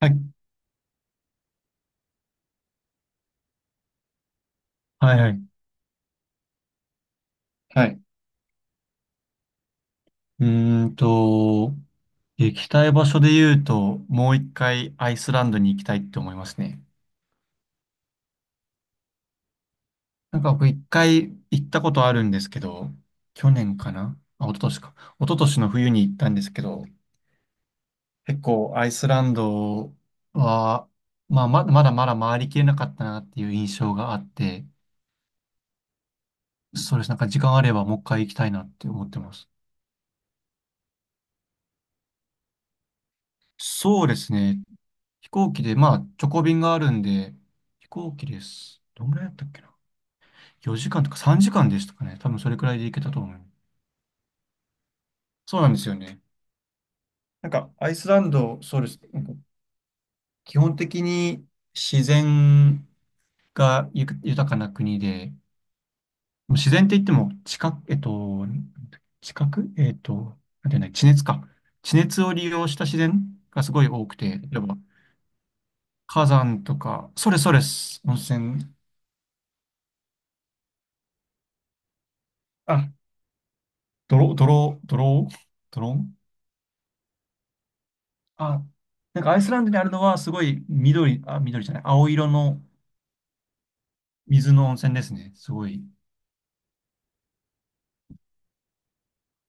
はい、はい、はい。はい。うーんと、行きたい場所で言うと、もう一回アイスランドに行きたいって思いますね。なんか僕一回行ったことあるんですけど、去年かなあ、一昨年か。一昨年の冬に行ったんですけど、結構アイスランドは、まあ、まだまだ回りきれなかったなっていう印象があって、そうです。なんか時間あればもう一回行きたいなって思ってます。そうですね。飛行機で、まあ、直行便があるんで、飛行機です。どんぐらいだったっけな？ 4 時間とか3時間でしたかね。多分それくらいで行けたと思う。そうなんですよね。なんか、アイスランド、そうです。なんか基本的に自然が豊かな国で、自然って言っても、地殻、えっと、地殻えっと、なんていうんだ、地熱か。地熱を利用した自然がすごい多くて、例えば、火山とか、それそれです。温泉。あ、ドロ、ドロ、ドロ、ドロンあ、なんかアイスランドにあるのはすごい緑、あ、緑じゃない、青色の水の温泉ですね。すごい。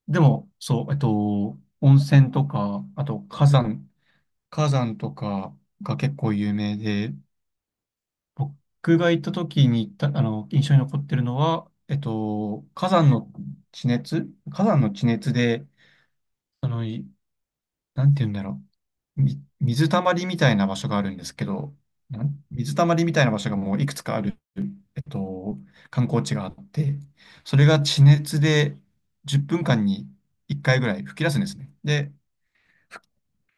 でも、そう、温泉とか、あと火山、火山とかが結構有名で、僕が行った時に行った、印象に残ってるのは、火山の地熱地熱で、あの、いなんて言うんだろう。水たまりみたいな場所があるんですけど、水たまりみたいな場所がもういくつかある、えっと、観光地があって、それが地熱で10分間に1回ぐらい吹き出すんですね。で、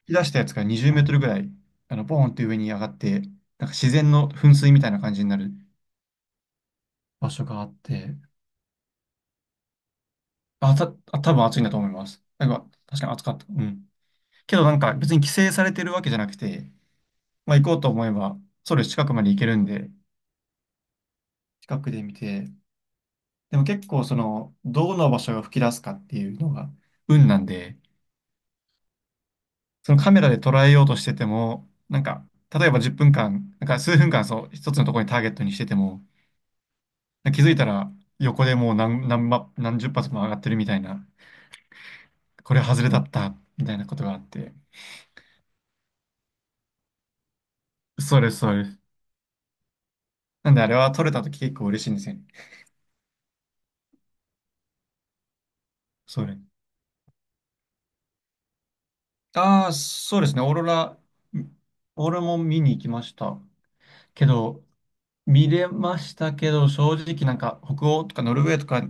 吹き出したやつが20メートルぐらい、ポーンって上に上がって、なんか自然の噴水みたいな感じになる場所があって、多分暑いんだと思います。なんか、確かに暑かった。うん。けどなんか別に規制されてるわけじゃなくて、まあ、行こうと思えば、ソウル近くまで行けるんで、近くで見て、でも結構その、どの場所が吹き出すかっていうのが運なんで、そのカメラで捉えようとしてても、なんか、例えば10分間、なんか数分間そう、一つのところにターゲットにしてても、気づいたら横でもう何十発も上がってるみたいな、これ外れだった、みたいなことがあって、そうです、そうです。なんであれは撮れたとき結構嬉しいんですよね。それ。ああ、そうですね。オーロラ、んオーロラも見に行きました。けど、見れましたけど、正直なんか北欧とかノルウェーとか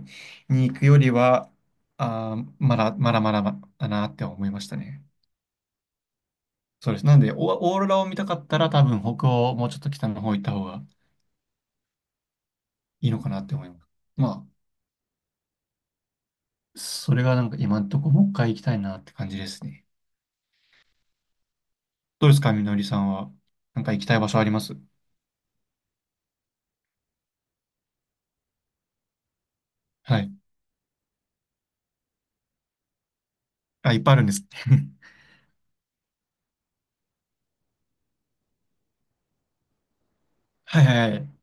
に行くよりは、あー、まだまだなって思いましたね。そうです。なんで、オーロラを見たかったら多分北欧、もうちょっと北の方行った方がいいのかなって思います。まあ、それがなんか今んとこもう一回行きたいなって感じですね。どうですか、みのりさんは。なんか行きたい場所あります？はい。あ、いっぱいあるんです。はいはいはい。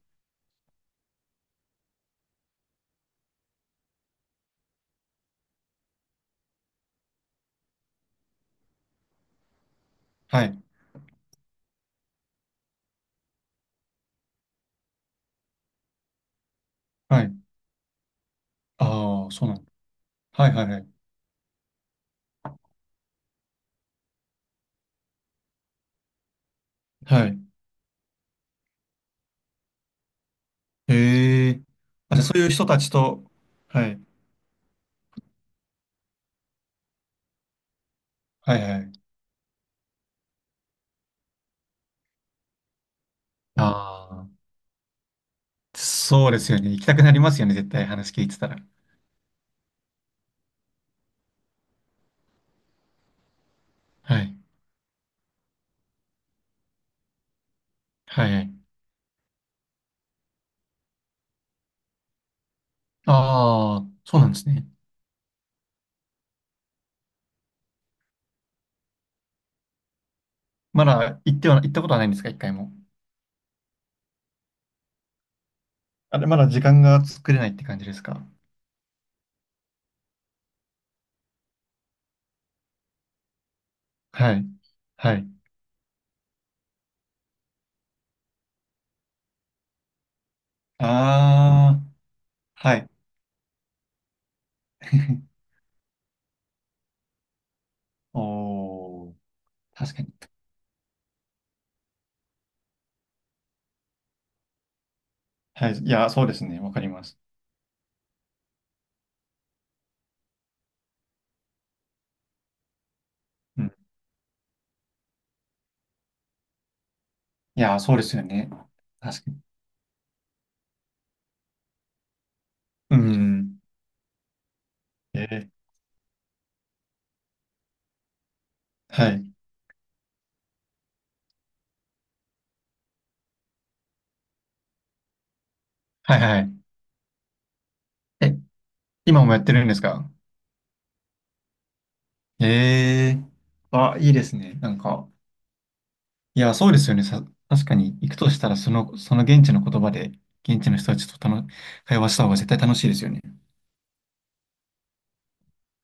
はい。はい。ああ、そうなんだ。はいはいはい。はい。へえ。あ、じゃあそういう人たちと、はい。はいはい。ああ、そうですよね。行きたくなりますよね。絶対話聞いてたら。はい。はいはい。ああ、そうなんですね。まだ行っては、行ったことはないんですか、一回も？あれ、まだ時間が作れないって感じですか？はい。はい。ああ、はい。おー、確かに。はい。いや、そうですね。わかります。うん。いや、そうですよね。確かに。うん。えーはい。はいはい。え、今もやってるんですか？ええーあ、いいですね。なんか、いや、そうですよね。確かに、行くとしたら、その、その現地の言葉で、現地の人たちと会話した方が絶対楽しいですよね。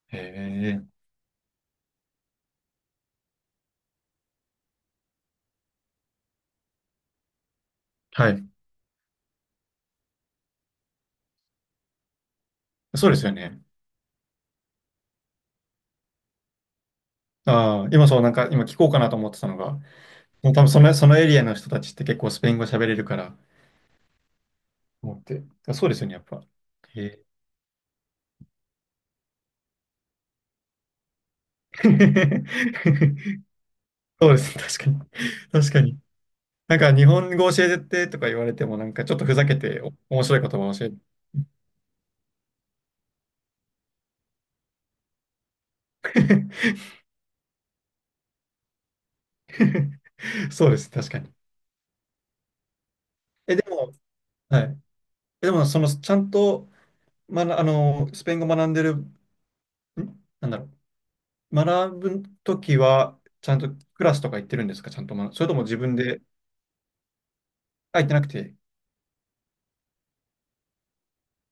へえ。はい。そうですよね。ああ、今そう、なんか、今聞こうかなと思ってたのが、もう多分その、そのエリアの人たちって結構スペイン語喋れるから、思って。そうですよね、やっぱ。へえ。そうですね、確かに。確かに。なんか日本語教えてとか言われてもなんかちょっとふざけて面白い言葉を教えて。そうです、確かに。え、でも、はい。え、でも、その、ちゃんと、まあの、スペイン語学んでる、なんだろう。学ぶときは、ちゃんとクラスとか行ってるんですか？ちゃんと学、それとも自分で、あ、行ってなくて。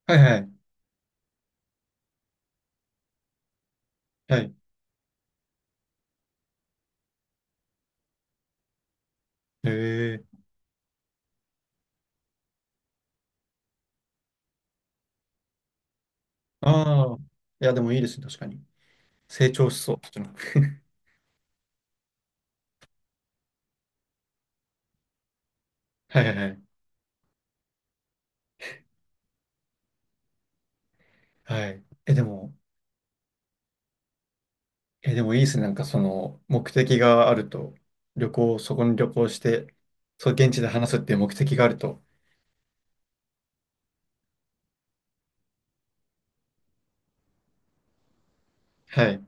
はいはい。はい。へえ。ああ。いや、でもいいですね、確かに。成長しそう、そっちの。はいはいはい。はい。え、でも、え、でもいいですね。なんかその目的があると、旅行、そこに旅行して、そう、現地で話すっていう目的があると。はい。う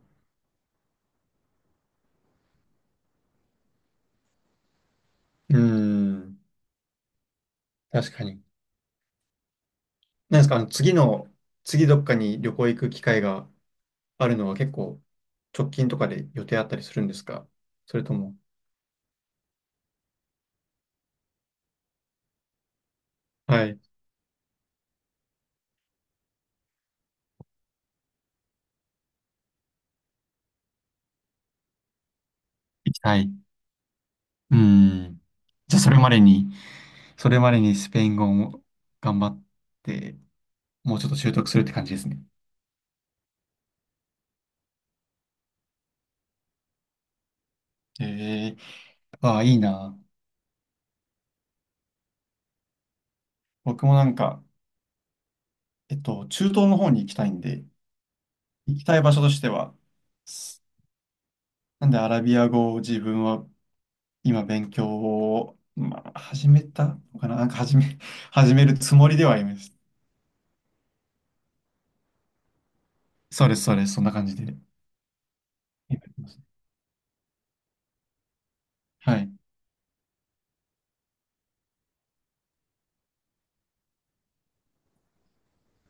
ーん。確かに。なんですか、次どっかに旅行行く機会があるのは結構直近とかで予定あったりするんですか？それとも。はい。行きたい。うーん。じゃあ、それまでにスペイン語も頑張って、もうちょっと習得するって感じですね。ええああ、いいな。僕もなんか、中東の方に行きたいんで、行きたい場所としては、すなんでアラビア語を自分は今勉強を、まあ、始めたのかな、なんか始め、始めるつもりではいます。そうです、そうです、そんな感じで。はい。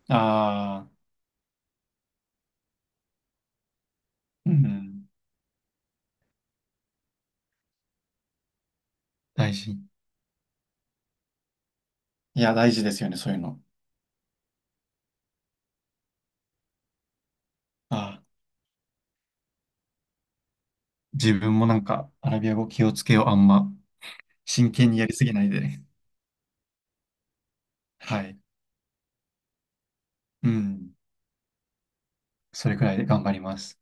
ああ、うん、大事。いや、大事ですよね、そういうの。ああ、自分もなんかアラビア語気をつけよう、あんま真剣にやりすぎないで。はい。うん、それくらいで頑張ります。